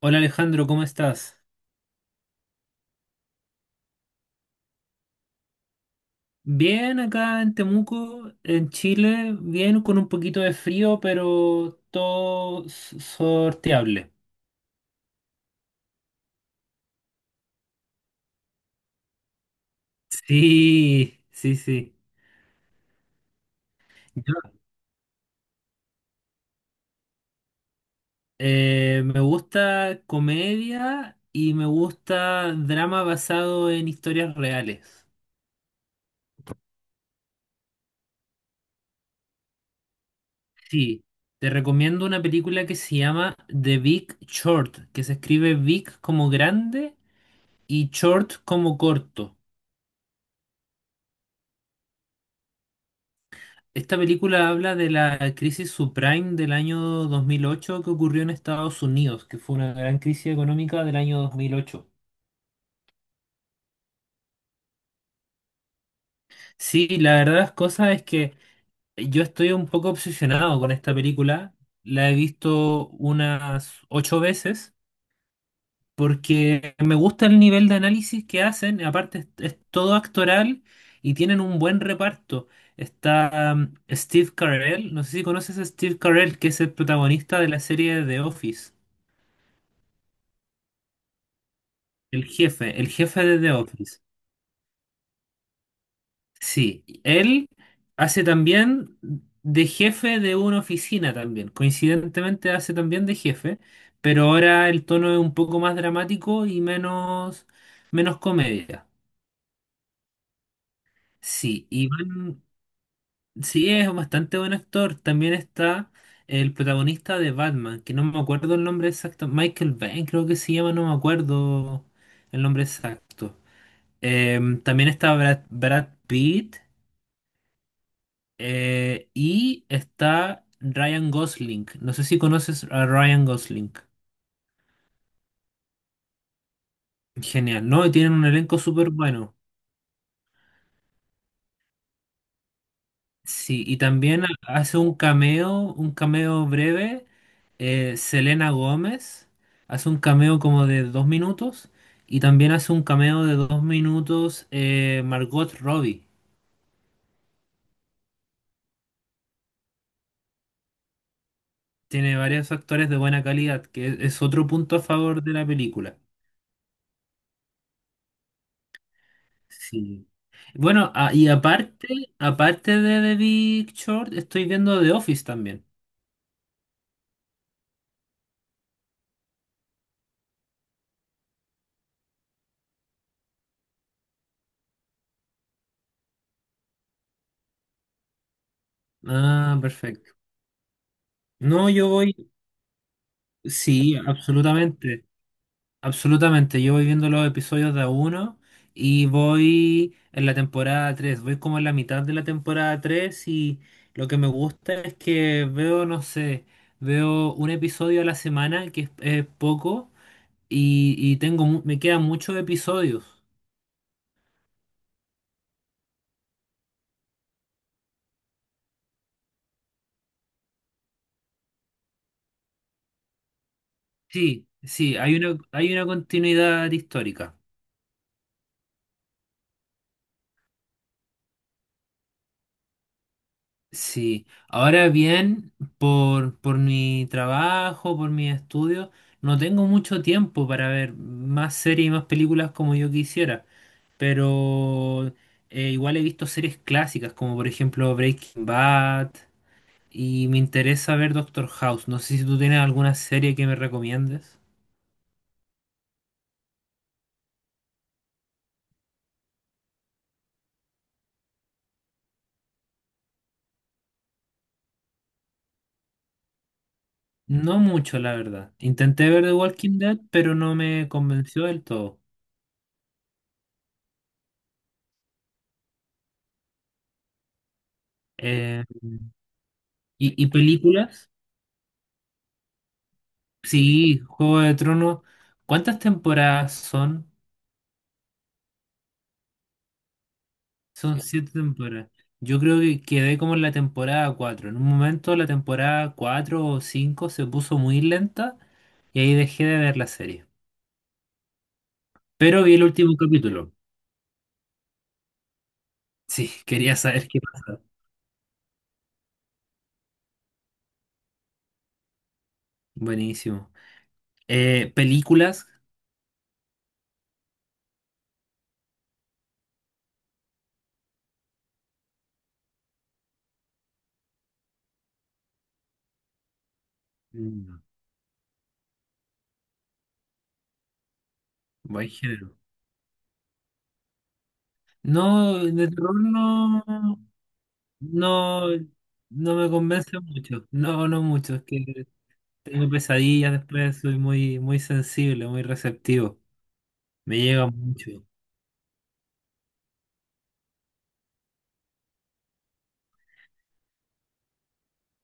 Hola Alejandro, ¿cómo estás? Bien acá en Temuco, en Chile, bien con un poquito de frío, pero todo sorteable. Sí, sí, sí. Yo, Me gusta comedia y me gusta drama basado en historias reales. Sí, te recomiendo una película que se llama The Big Short, que se escribe big como grande y short como corto. Esta película habla de la crisis subprime del año 2008 que ocurrió en Estados Unidos, que fue una gran crisis económica del año 2008. Sí, la verdad de las cosas es que yo estoy un poco obsesionado con esta película. La he visto unas ocho veces porque me gusta el nivel de análisis que hacen. Aparte, es todo actoral y tienen un buen reparto. Está Steve Carell, no sé si conoces a Steve Carell, que es el protagonista de la serie The Office. El jefe de The Office. Sí, él hace también de jefe de una oficina también. Coincidentemente hace también de jefe, pero ahora el tono es un poco más dramático y menos comedia. Sí, Iván, sí es bastante buen actor. También está el protagonista de Batman, que no me acuerdo el nombre exacto. Michael Bay, creo que se llama, no me acuerdo el nombre exacto. También está Brad Pitt. Y está Ryan Gosling. No sé si conoces a Ryan Gosling. Genial, ¿no? Y tienen un elenco súper bueno. Sí, y también hace un cameo breve. Selena Gómez hace un cameo como de 2 minutos. Y también hace un cameo de 2 minutos, Margot Robbie. Tiene varios actores de buena calidad, que es otro punto a favor de la película. Sí. Bueno, y aparte de The Big Short, estoy viendo The Office también. Ah, perfecto. No, yo voy, sí, absolutamente, absolutamente. Yo voy viendo los episodios de a uno y voy en la temporada 3. Voy como en la mitad de la temporada 3 y lo que me gusta es que veo, no sé, veo un episodio a la semana, que es poco, y tengo, me quedan muchos episodios. Sí, sí, hay una continuidad histórica. Sí, ahora bien, por mi trabajo, por mis estudios, no tengo mucho tiempo para ver más series y más películas como yo quisiera, pero igual he visto series clásicas como por ejemplo Breaking Bad y me interesa ver Doctor House. No sé si tú tienes alguna serie que me recomiendes. No mucho, la verdad. Intenté ver The Walking Dead, pero no me convenció del todo. Eh, y películas? Sí, Juego de Tronos. ¿Cuántas temporadas son? Son siete temporadas. Yo creo que quedé como en la temporada cuatro. En un momento la temporada cuatro o cinco se puso muy lenta y ahí dejé de ver la serie. Pero vi el último capítulo. Sí, quería saber qué pasa. Buenísimo. ¿Películas? Mm. Buen género. No, de terror no, no, no me convence mucho. No, no mucho. Es que tengo pesadillas después, soy muy, muy sensible, muy receptivo. Me llega mucho.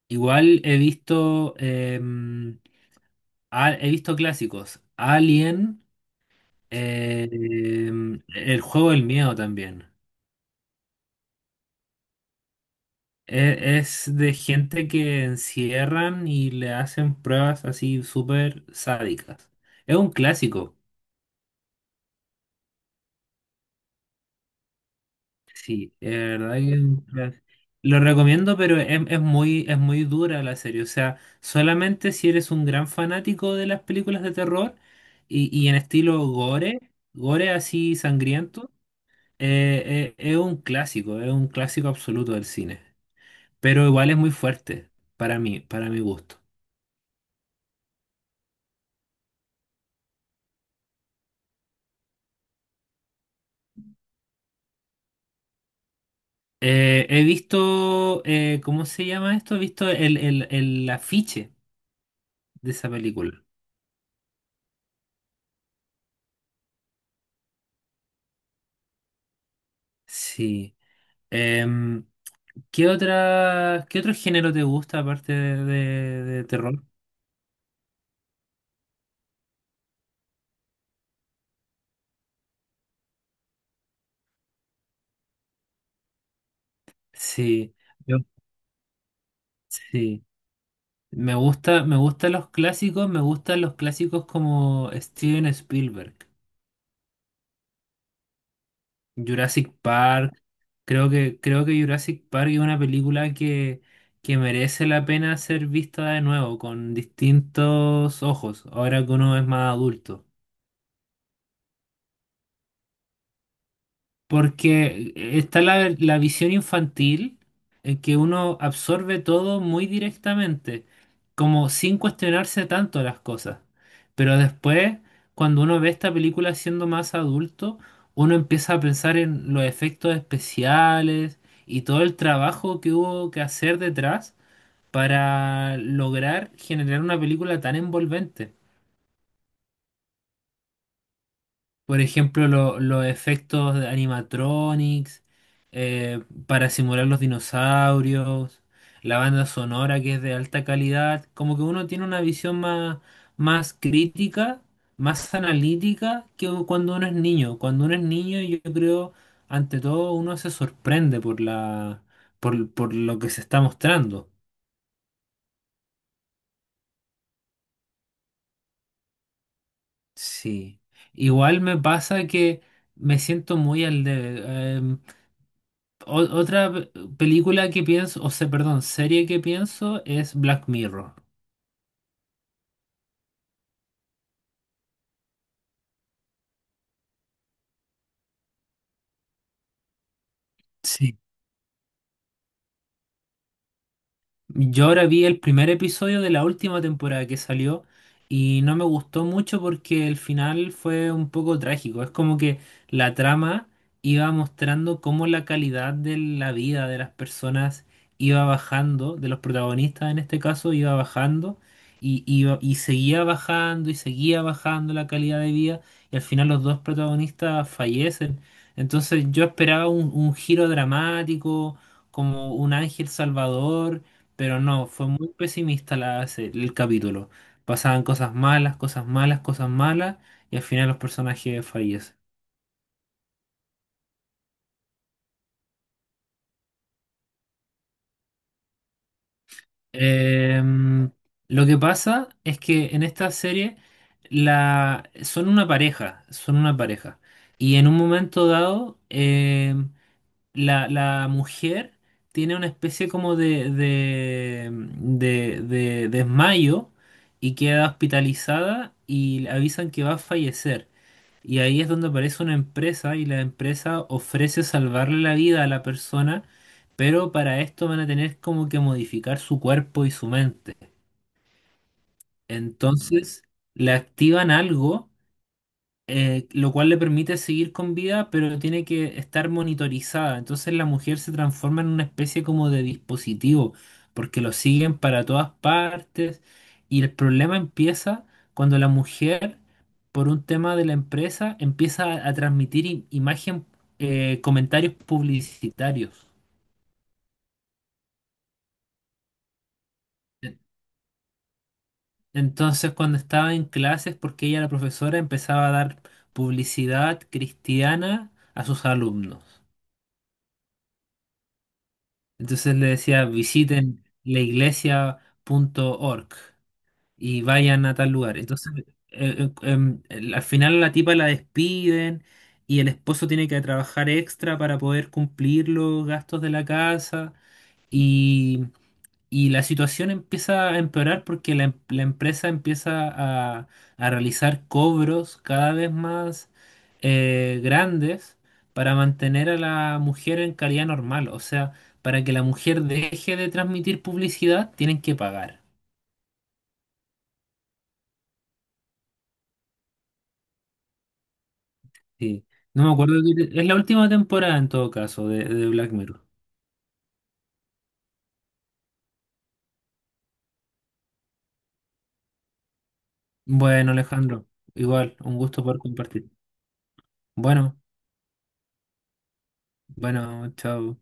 Igual he visto, he visto clásicos. Alien, El juego del miedo también. Es de gente que encierran y le hacen pruebas así súper sádicas. Es un clásico. Sí, de verdad que es un lo recomiendo, pero es muy dura la serie. O sea, solamente si eres un gran fanático de las películas de terror y en estilo gore, gore así sangriento, es un clásico absoluto del cine. Pero igual es muy fuerte para mí, para mi gusto. He visto, ¿cómo se llama esto? He visto el afiche de esa película. Sí. Em, qué otro género te gusta aparte de terror? Sí, yo- sí. Me gustan los clásicos como Steven Spielberg, Jurassic Park. Creo que Jurassic Park es una película que merece la pena ser vista de nuevo, con distintos ojos, ahora que uno es más adulto. Porque está la visión infantil en que uno absorbe todo muy directamente, como sin cuestionarse tanto las cosas. Pero después, cuando uno ve esta película siendo más adulto, uno empieza a pensar en los efectos especiales y todo el trabajo que hubo que hacer detrás para lograr generar una película tan envolvente. Por ejemplo, los efectos de animatronics, para simular los dinosaurios, la banda sonora que es de alta calidad, como que uno tiene una visión más, más crítica, más analítica que cuando uno es niño. Cuando uno es niño, yo creo, ante todo, uno se sorprende por la, por lo que se está mostrando. Sí. Igual me pasa que me siento muy al debe. O- Otra película que pienso, o sea, perdón, serie que pienso es Black Mirror. Sí, yo ahora vi el primer episodio de la última temporada que salió y no me gustó mucho porque el final fue un poco trágico. Es como que la trama iba mostrando cómo la calidad de la vida de las personas iba bajando, de los protagonistas en este caso iba bajando y seguía bajando y seguía bajando la calidad de vida y al final los dos protagonistas fallecen. Entonces yo esperaba un giro dramático, como un ángel salvador. Pero no, fue muy pesimista el capítulo. Pasaban cosas malas, cosas malas, cosas malas, y al final los personajes fallecen. Em, lo que pasa es que en esta serie son una pareja, son una pareja. Y en un momento dado, la mujer tiene una especie como de desmayo y queda hospitalizada y le avisan que va a fallecer. Y ahí es donde aparece una empresa y la empresa ofrece salvarle la vida a la persona, pero para esto van a tener como que modificar su cuerpo y su mente. Entonces le activan algo, lo cual le permite seguir con vida, pero tiene que estar monitorizada. Entonces la mujer se transforma en una especie como de dispositivo, porque lo siguen para todas partes y el problema empieza cuando la mujer, por un tema de la empresa, empieza a transmitir imagen, comentarios publicitarios. E-, Entonces, cuando estaba en clases, porque ella, la profesora, empezaba a dar publicidad cristiana a sus alumnos. Entonces le decía, visiten laiglesia.org y vayan a tal lugar. Entonces, al final la tipa la despiden y el esposo tiene que trabajar extra para poder cumplir los gastos de la casa. Y la situación empieza a empeorar porque la empresa empieza a, a realizar cobros cada vez más, grandes, para mantener a la mujer en calidad normal. O sea, para que la mujer deje de transmitir publicidad, tienen que pagar. Sí. No me acuerdo, es la última temporada en todo caso de Black Mirror. Bueno, Alejandro, igual, un gusto poder compartir. Bueno, bueno, chao.